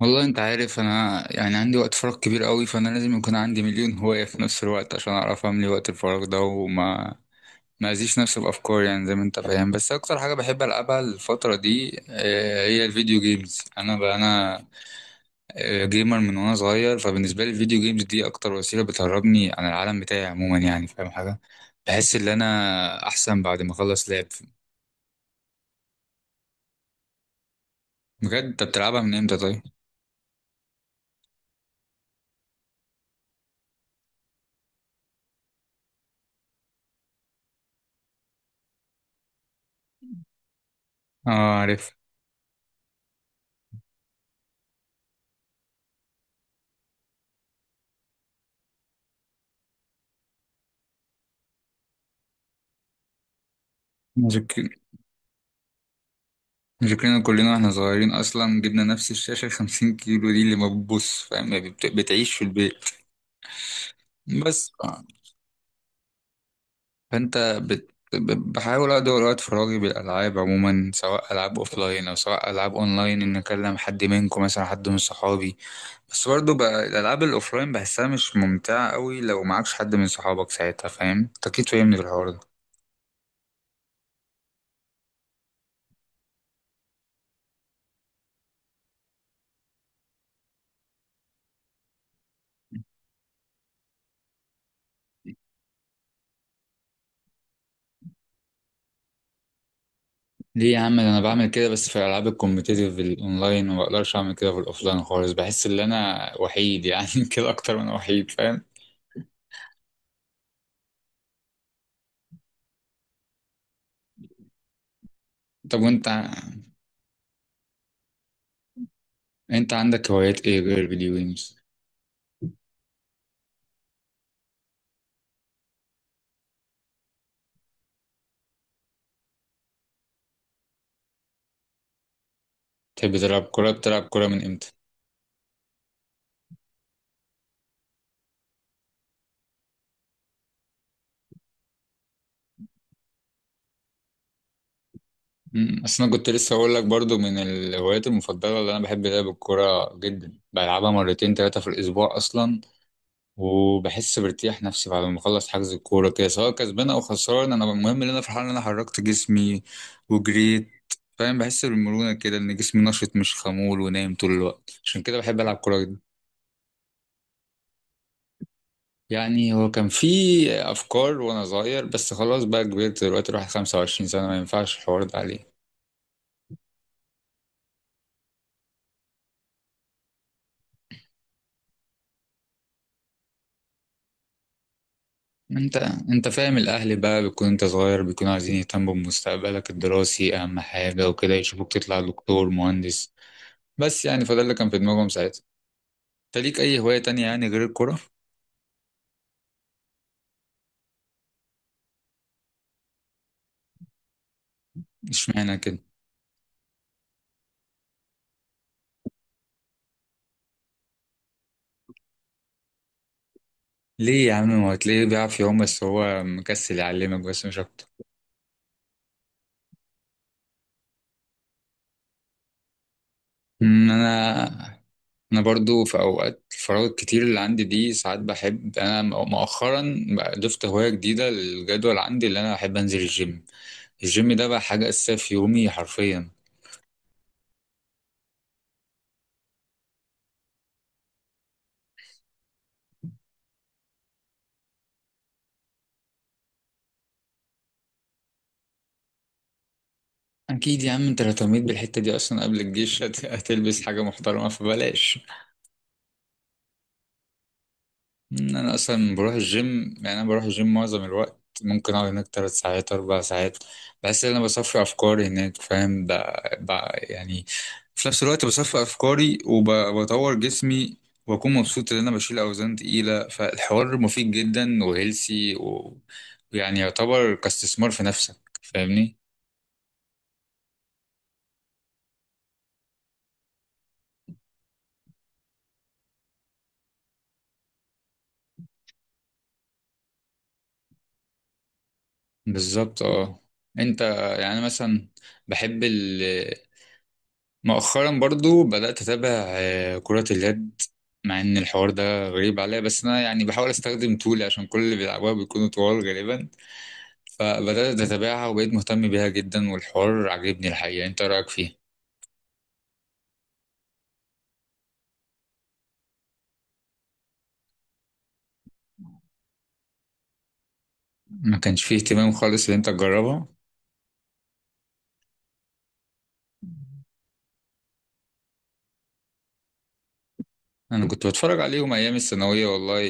والله انت عارف، انا يعني عندي وقت فراغ كبير قوي، فانا لازم يكون عندي مليون هواية في نفس الوقت عشان اعرف املي وقت الفراغ ده. وما ما ازيش نفسي بافكار، يعني زي ما انت فاهم. بس اكتر حاجة بحب العبها الفترة دي هي الفيديو جيمز. انا بقى انا آه، جيمر من وانا صغير، فبالنسبة لي الفيديو جيمز دي اكتر وسيلة بتهربني عن العالم بتاعي عموما، يعني فاهم حاجة؟ بحس ان انا احسن بعد ما اخلص لعب. بجد انت بتلعبها من امتى طيب؟ اه، عارف. فكرنا كلنا واحنا صغيرين اصلا، جبنا نفس الشاشه 50 كيلو دي اللي ما بتبص، فاهم يعني؟ بتعيش في البيت بس آه. فانت بحاول ادور وقت فراغي بالالعاب عموما، سواء العاب اوفلاين او سواء العاب اونلاين، ان اكلم حد منكم مثلا، حد من صحابي. بس برضه بقى الالعاب الاوفلاين بحسها مش ممتعه قوي لو معكش حد من صحابك ساعتها، فاهم؟ أنت اكيد فاهمني في الحوار ده. ليه يا عم؟ ده انا بعمل كده بس في الالعاب الكومبتيتيف الاونلاين، وما بقدرش اعمل كده في الاوفلاين خالص. بحس ان انا وحيد يعني كده اكتر من وحيد، فاهم؟ طب وانت، انت عندك هوايات ايه غير الفيديو جيمز؟ تحب تلعب كوره؟ بتلعب كوره من امتى؟ امم، اصل انا كنت لسه اقول لك برضو، من الهوايات المفضله اللي انا بحب لعب الكوره جدا، بلعبها مرتين ثلاثه في الاسبوع اصلا. وبحس بارتياح نفسي بعد ما اخلص حجز الكوره كده، سواء كسبان او خسران، انا المهم ان انا فرحان ان انا حركت جسمي وجريت، فاهم؟ بحس بالمرونه كده ان جسمي نشط مش خمول ونايم طول الوقت، عشان كده بحب العب كوره جدا. يعني هو كان في افكار وانا صغير، بس خلاص بقى كبرت دلوقتي الواحد 25 سنه، ما ينفعش الحوار ده عليه. انت انت فاهم الاهل بقى، بيكون انت صغير بيكونوا عايزين يهتموا بمستقبلك الدراسي اهم حاجه وكده، يشوفوك تطلع دكتور مهندس، بس. يعني فده اللي كان في دماغهم ساعتها. انت ليك اي هواية تانية يعني غير الكرة؟ اشمعنى كده؟ ليه يا عم؟ ما هو هتلاقيه بيعرف يعوم، بس هو مكسل يعلمك، بس مش اكتر. أمم، انا انا برضو في اوقات الفراغ الكتير اللي عندي دي، ساعات بحب. انا مؤخرا بقى ضفت هواية جديدة للجدول عندي، اللي انا بحب انزل الجيم. الجيم ده بقى حاجة اساسية في يومي حرفيا. اكيد يا عم، انت لو اهتميت بالحتة دي اصلا قبل الجيش هتلبس حاجة محترمة، فبلاش. انا اصلا بروح الجيم، يعني انا بروح الجيم معظم الوقت، ممكن اقعد هناك تلات ساعات اربع ساعات. بحس ان انا بصفي افكاري هناك، فاهم؟ ب... يعني في نفس الوقت بصفي افكاري وبطور جسمي. واكون مبسوط ان انا بشيل اوزان تقيله، فالحوار مفيد جدا وهيلسي ويعني يعتبر كاستثمار في نفسك، فاهمني؟ بالظبط اه. انت يعني مثلا، بحب مؤخرا برضو بدأت أتابع كرة اليد. مع إن الحوار ده غريب عليا، بس أنا يعني بحاول أستخدم طولي عشان كل اللي بيلعبوها بيكونوا طوال غالبا. فبدأت أتابعها وبقيت مهتم بيها جدا والحوار عجبني الحقيقة. أنت رأيك فيه؟ ما كانش فيه اهتمام خالص إن أنت تجربها؟ أنا كنت بتفرج عليهم أيام الثانوية، والله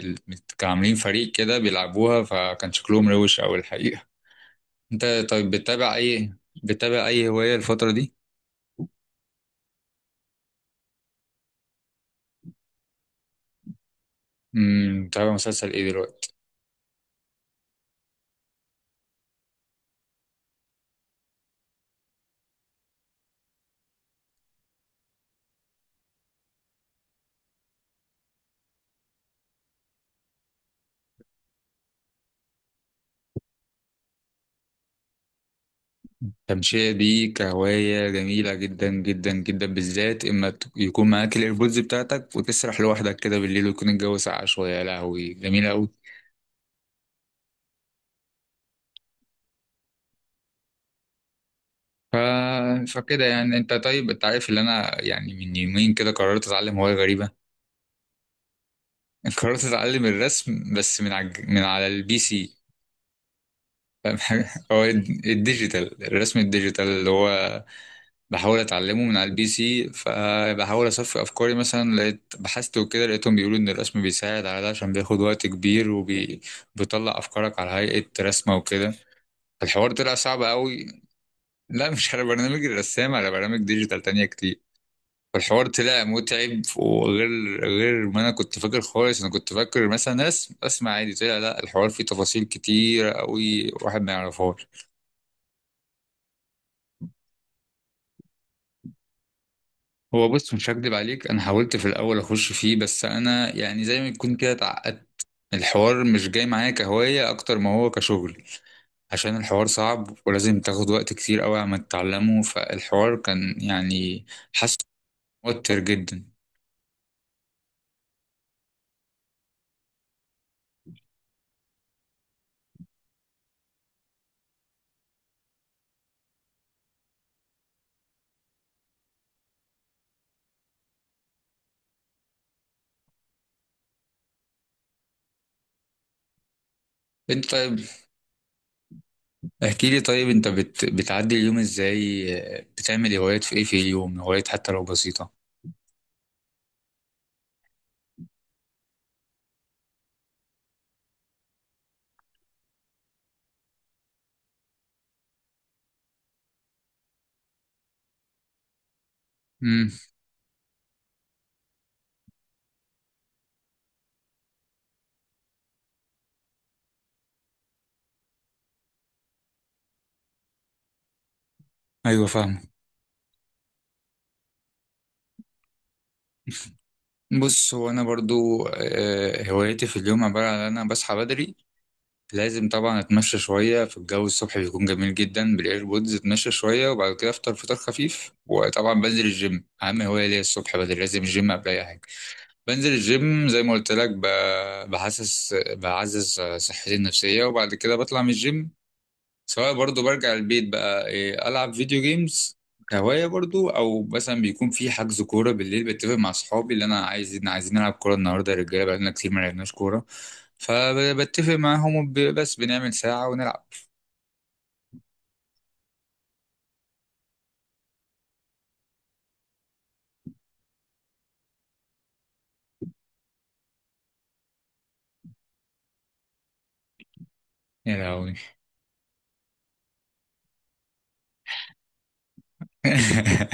كانوا عاملين فريق كده بيلعبوها فكان شكلهم روش أوي الحقيقة. أنت طيب بتتابع أي هواية الفترة دي؟ امم، بتتابع مسلسل إيه دلوقتي؟ التمشية دي كهواية جميلة جدا جدا جدا، بالذات إما يكون معاك الإيربودز بتاعتك وتسرح لوحدك كده بالليل ويكون الجو ساقع شوية، يا لهوي جميلة أوي. ف... فكده يعني. أنت طيب، أنت عارف إن أنا يعني من يومين كده قررت أتعلم هواية غريبة. قررت أتعلم الرسم، بس من على من على البي سي. فاهم حاجة؟ هو الديجيتال، الرسم الديجيتال اللي هو بحاول اتعلمه من على البي سي. فبحاول اصفي افكاري، مثلا لقيت بحثت وكده لقيتهم بيقولوا ان الرسم بيساعد على ده عشان بياخد وقت كبير وبيطلع افكارك على هيئة رسمة وكده. الحوار طلع صعب قوي. لا مش على برنامج الرسام، على برامج ديجيتال تانية كتير. فالحوار طلع متعب، وغير غير ما انا كنت فاكر خالص. انا كنت فاكر مثلا ناس اسمع عادي، طلع لا الحوار فيه تفاصيل كتير قوي واحد ما يعرفهاش. هو بص، مش هكدب عليك انا حاولت في الاول اخش فيه، بس انا يعني زي ما يكون كده اتعقدت. الحوار مش جاي معايا كهواية اكتر ما هو كشغل، عشان الحوار صعب ولازم تاخد وقت كتير قوي عم تتعلمه. فالحوار كان يعني حاسس موتر جدا. انت طيب احكي لي طيب، انت بتعدي اليوم ازاي؟ بتعمل هوايات في ايه في اليوم، هوايات حتى لو بسيطة؟ امم، ايوه فاهم. بص هو انا برضو هوايتي في اليوم عباره عن ان انا بصحى بدري. لازم طبعا اتمشى شويه في الجو، الصبح بيكون جميل جدا بالايربودز، اتمشى شويه وبعد كده افطر فطار خفيف. وطبعا بنزل الجيم اهم هوايه ليا الصبح بدري، لازم الجيم قبل اي حاجه. بنزل الجيم زي ما قلت لك، بحسس بعزز صحتي النفسيه، وبعد كده بطلع من الجيم. سواء برضو برجع البيت بقى ألعب فيديو جيمز كهواية برضو، أو مثلا بيكون في حجز كورة بالليل، بتفق مع صحابي اللي أنا عايز، إن عايزين نلعب كورة النهاردة يا رجالة، بقالنا كتير ما لعبناش كورة. فبتفق معاهم بس بنعمل ساعة ونلعب. يا لهوي.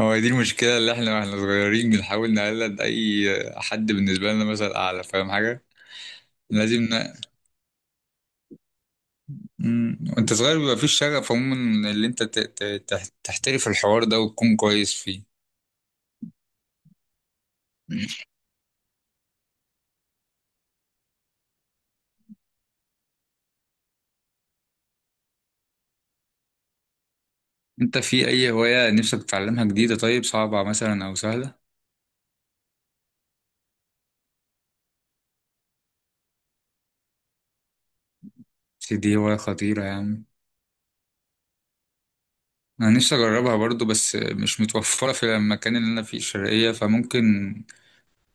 هو دي المشكلة، اللي احنا واحنا صغيرين بنحاول نقلد أي حد بالنسبة لنا مثلا أعلى، فاهم حاجة؟ لازم ن... مم. وانت صغير بيبقى فيش شغف عموما، اللي انت تحترف الحوار ده وتكون كويس فيه. انت في اي هواية نفسك تتعلمها جديدة طيب، صعبة مثلا او سهلة؟ بس دي هواية خطيرة يعني. انا نفسي اجربها برضو بس مش متوفرة في المكان اللي انا فيه الشرقية، فممكن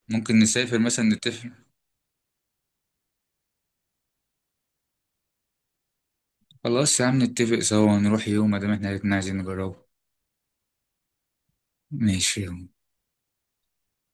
ممكن نسافر مثلا نتفق. خلاص يا عم نتفق سوا نروح يوم ما دام احنا الاتنين عايزين نجربه. ماشي يلا.